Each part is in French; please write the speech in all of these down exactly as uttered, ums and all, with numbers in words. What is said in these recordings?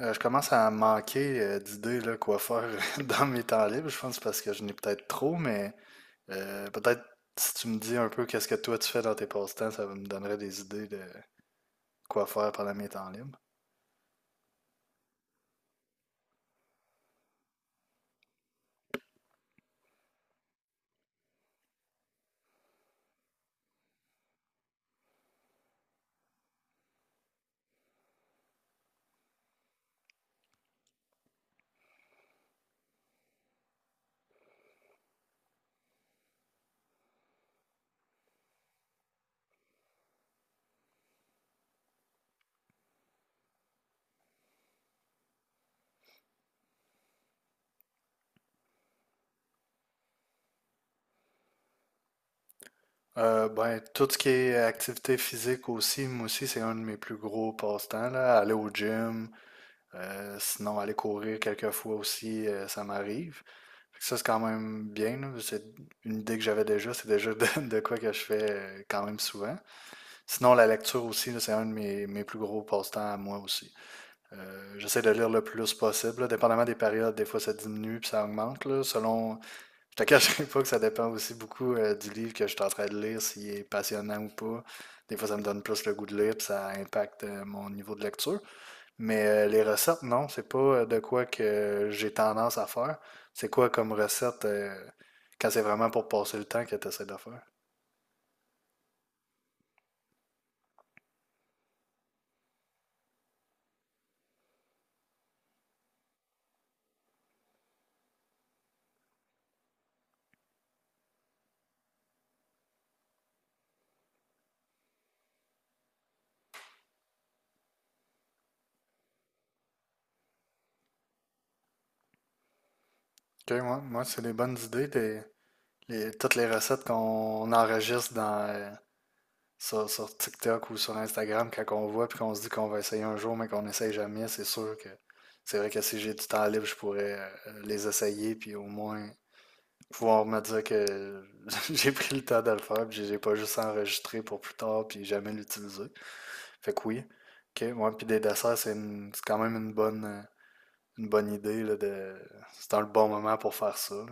Euh, je commence à manquer euh, d'idées là, quoi faire dans mes temps libres. Je pense parce que je n'ai peut-être trop, mais euh, peut-être si tu me dis un peu qu'est-ce que toi tu fais dans tes passe-temps, ça me donnerait des idées de quoi faire pendant mes temps libres. Euh, ben, tout ce qui est activité physique aussi, moi aussi, c'est un de mes plus gros passe-temps, là. Aller au gym, euh, sinon aller courir quelques fois aussi, euh, ça m'arrive. Fait que ça, c'est quand même bien, là. C'est une idée que j'avais déjà, c'est déjà de, de quoi que je fais euh, quand même souvent. Sinon, la lecture aussi, là, c'est un de mes, mes plus gros passe-temps à moi aussi. Euh, j'essaie de lire le plus possible, là. Dépendamment des périodes, des fois ça diminue puis ça augmente. Là, selon... Je te cacherai pas que ça dépend aussi beaucoup euh, du livre que je suis en train de lire, s'il est passionnant ou pas. Des fois, ça me donne plus le goût de lire, puis ça impacte euh, mon niveau de lecture. Mais euh, les recettes, non, c'est pas euh, de quoi que euh, j'ai tendance à faire. C'est quoi comme recette euh, quand c'est vraiment pour passer le temps que tu essaies de faire? Ok, moi, moi, c'est des bonnes idées. T'es- Les- toutes les recettes qu'on enregistre dans, euh, sur, sur TikTok ou sur Instagram, quand on voit puis qu'on se dit qu'on va essayer un jour, mais qu'on n'essaye jamais, c'est sûr que c'est vrai que si j'ai du temps libre, je pourrais euh, les essayer puis au moins pouvoir me dire que j'ai pris le temps de le faire puis j'ai pas juste enregistré pour plus tard puis jamais l'utiliser. Fait que oui. Ok, ouais, puis des desserts, c'est une- c'est quand même une bonne, euh, une bonne idée là, de, c'est dans le bon moment pour faire ça.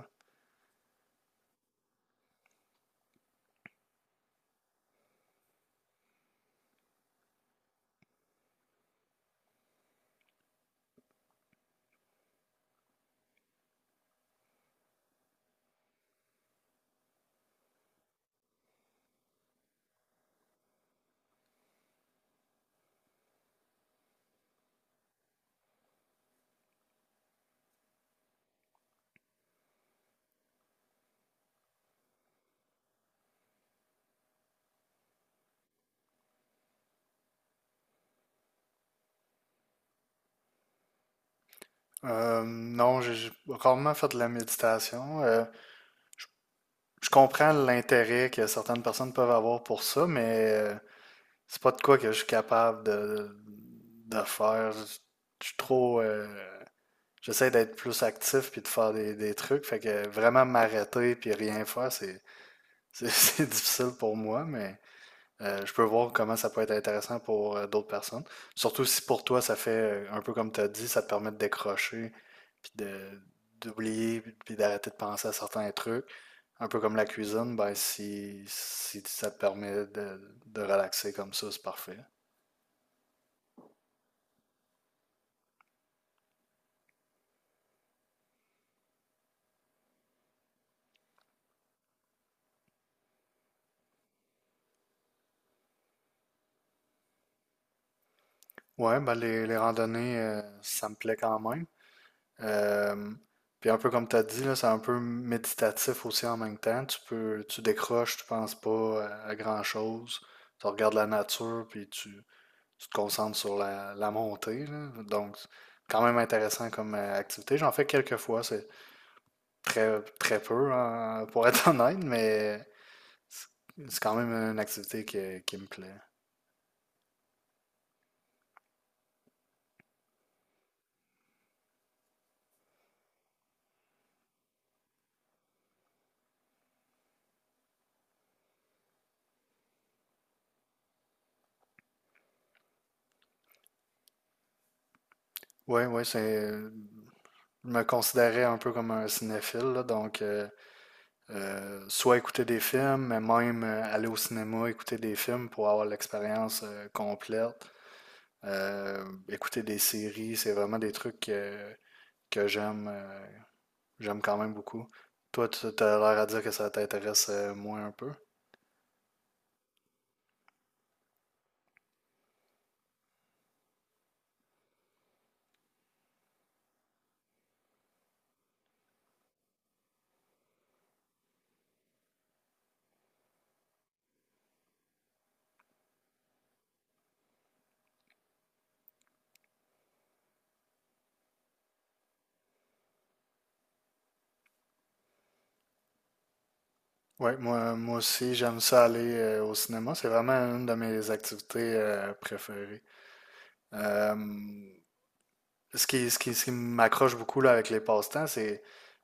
Euh, non, j'ai j'ai rarement fait de la méditation. Euh, je comprends l'intérêt que certaines personnes peuvent avoir pour ça, mais euh, c'est pas de quoi que je suis capable de, de faire. Je je suis trop. Euh, j'essaie d'être plus actif puis de faire des, des trucs. Fait que vraiment m'arrêter puis rien faire, c'est, c'est, c'est difficile pour moi, mais Euh, je peux voir comment ça peut être intéressant pour euh, d'autres personnes. Surtout si pour toi, ça fait euh, un peu comme tu as dit, ça te permet de décrocher, puis de d'oublier, puis d'arrêter de penser à certains trucs. Un peu comme la cuisine, ben si, si ça te permet de, de relaxer comme ça, c'est parfait. Ouais, ben les, les randonnées, euh, ça me plaît quand même. Euh, puis un peu comme tu as dit, là, c'est un peu méditatif aussi en même temps. Tu peux, tu décroches, tu penses pas à, à grand-chose. Tu regardes la nature, puis tu, tu te concentres sur la, la montée, là. Donc, c'est quand même intéressant comme euh, activité. J'en fais quelques fois, c'est très, très peu, hein, pour être honnête, mais c'est c'est quand même une activité qui, qui me plaît. Oui, oui, c'est, je me considérais un peu comme un cinéphile, là, donc euh, Euh, soit écouter des films, mais même euh, aller au cinéma, écouter des films pour avoir l'expérience euh, complète. Euh, écouter des séries, c'est vraiment des trucs que, que j'aime euh, j'aime quand même beaucoup. Toi, tu as l'air à dire que ça t'intéresse euh, moins un peu. Ouais, moi, moi aussi, j'aime ça aller euh, au cinéma. C'est vraiment une de mes activités euh, préférées. Euh, Ce qui, ce qui, ce qui m'accroche beaucoup là, avec les passe-temps, c'est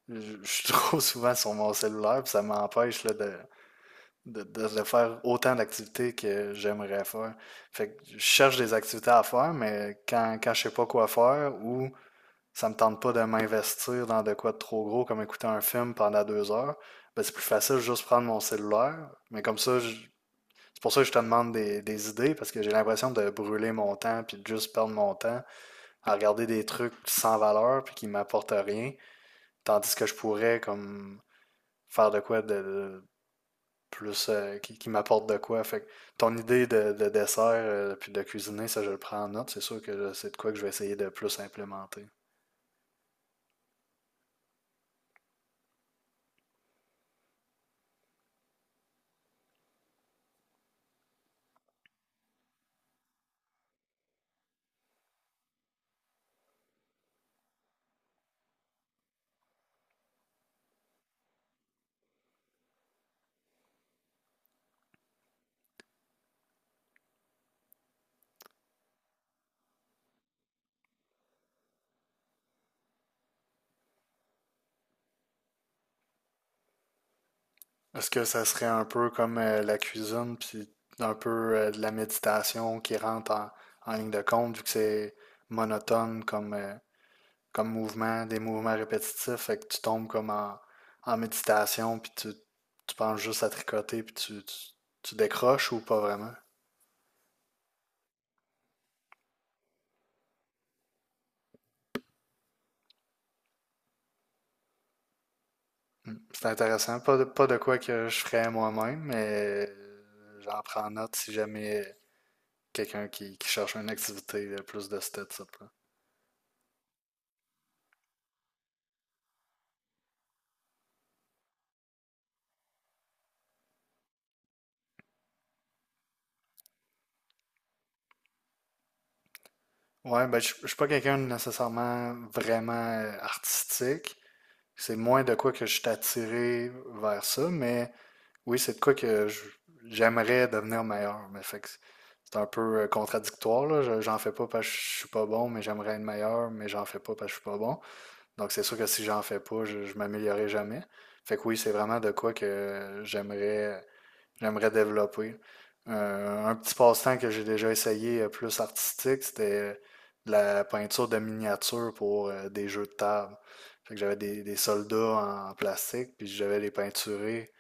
je je suis trop souvent sur mon cellulaire, puis ça m'empêche là, de, de, de- de faire autant d'activités que j'aimerais faire. Fait que je cherche des activités à faire, mais quand, quand je sais pas quoi faire ou ça me tente pas de m'investir dans de quoi de trop gros, comme écouter un film pendant deux heures, ben c'est plus facile de juste prendre mon cellulaire. Mais comme ça, je- c'est pour ça que je te demande des, des idées, parce que j'ai l'impression de brûler mon temps puis de juste perdre mon temps à regarder des trucs sans valeur puis qui m'apportent rien, tandis que je pourrais comme faire de quoi de, de plus euh, qui, qui m'apporte de quoi. Fait que ton idée de, de dessert euh, puis de cuisiner, ça je le prends en note. C'est sûr que là, c'est de quoi que je vais essayer de plus implémenter. Est-ce que ça serait un peu comme euh, la cuisine puis un peu euh, de la méditation qui rentre en, en ligne de compte vu que c'est monotone comme euh, comme mouvement, des mouvements répétitifs, fait que tu tombes comme en, en méditation, puis tu, tu penses juste à tricoter, puis tu, tu, tu décroches ou pas vraiment. C'est intéressant, pas de, pas de quoi que je ferais moi-même, mais euh, j'en prends note si jamais quelqu'un qui, qui cherche une activité euh, plus de ce type. Ouais, ben, je je suis pas quelqu'un de nécessairement vraiment euh, artistique. C'est moins de quoi que je suis attiré vers ça, mais oui, c'est de quoi que je- j'aimerais devenir meilleur. Mais fait que c'est c'est un peu euh, contradictoire, là. Je- J'en fais pas parce que je suis pas bon, mais j'aimerais être meilleur, mais j'en fais pas parce que je suis pas bon. Donc c'est sûr que si j'en fais pas, je, je m'améliorerai jamais. Fait que oui, c'est vraiment de quoi que j'aimerais J'aimerais développer. Euh, un petit passe-temps que j'ai déjà essayé euh, plus artistique, c'était euh, de la peinture de miniatures pour euh, des jeux de table. Fait que j'avais des, des soldats en plastique, puis j'avais les peinturés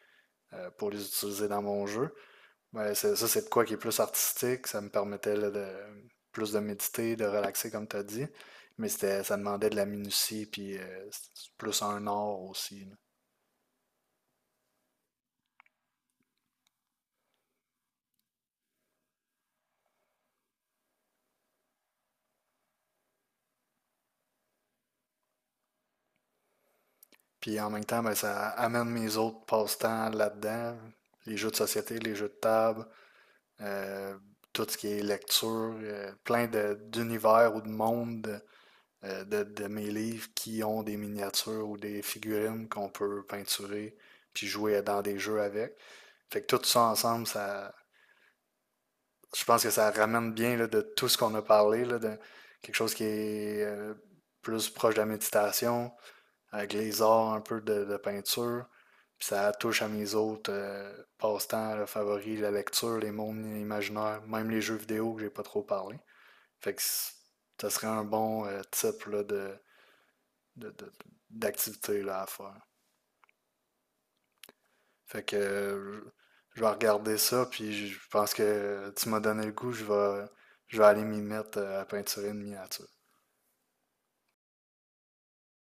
euh, pour les utiliser dans mon jeu. Ben, c'est- ça, c'est de quoi qui est plus artistique. Ça me permettait là, de, plus de méditer, de relaxer, comme tu as dit. Mais c'était, ça demandait de la minutie, puis euh, c'est plus un art aussi, là. Puis en même temps, ben, ça amène mes autres passe-temps là-dedans. Les jeux de société, les jeux de table, euh, tout ce qui est lecture, euh, plein de- d'univers ou de mondes euh, de, de mes livres qui ont des miniatures ou des figurines qu'on peut peinturer puis jouer dans des jeux avec. Fait que tout ça ensemble, ça, je pense que ça ramène bien là, de tout ce qu'on a parlé, là, de quelque chose qui est euh, plus proche de la méditation, avec les arts un peu de, de peinture. Puis ça touche à mes autres euh, passe-temps là, favoris, la lecture, les mondes imaginaires, même les jeux vidéo que j'ai pas trop parlé. Fait que ça serait un bon euh, type là, de, de- de- d'activité là, à faire. Fait que euh, je vais regarder ça, puis je pense que tu m'as donné le goût, je vais, je vais aller m'y mettre euh, à peinturer une miniature.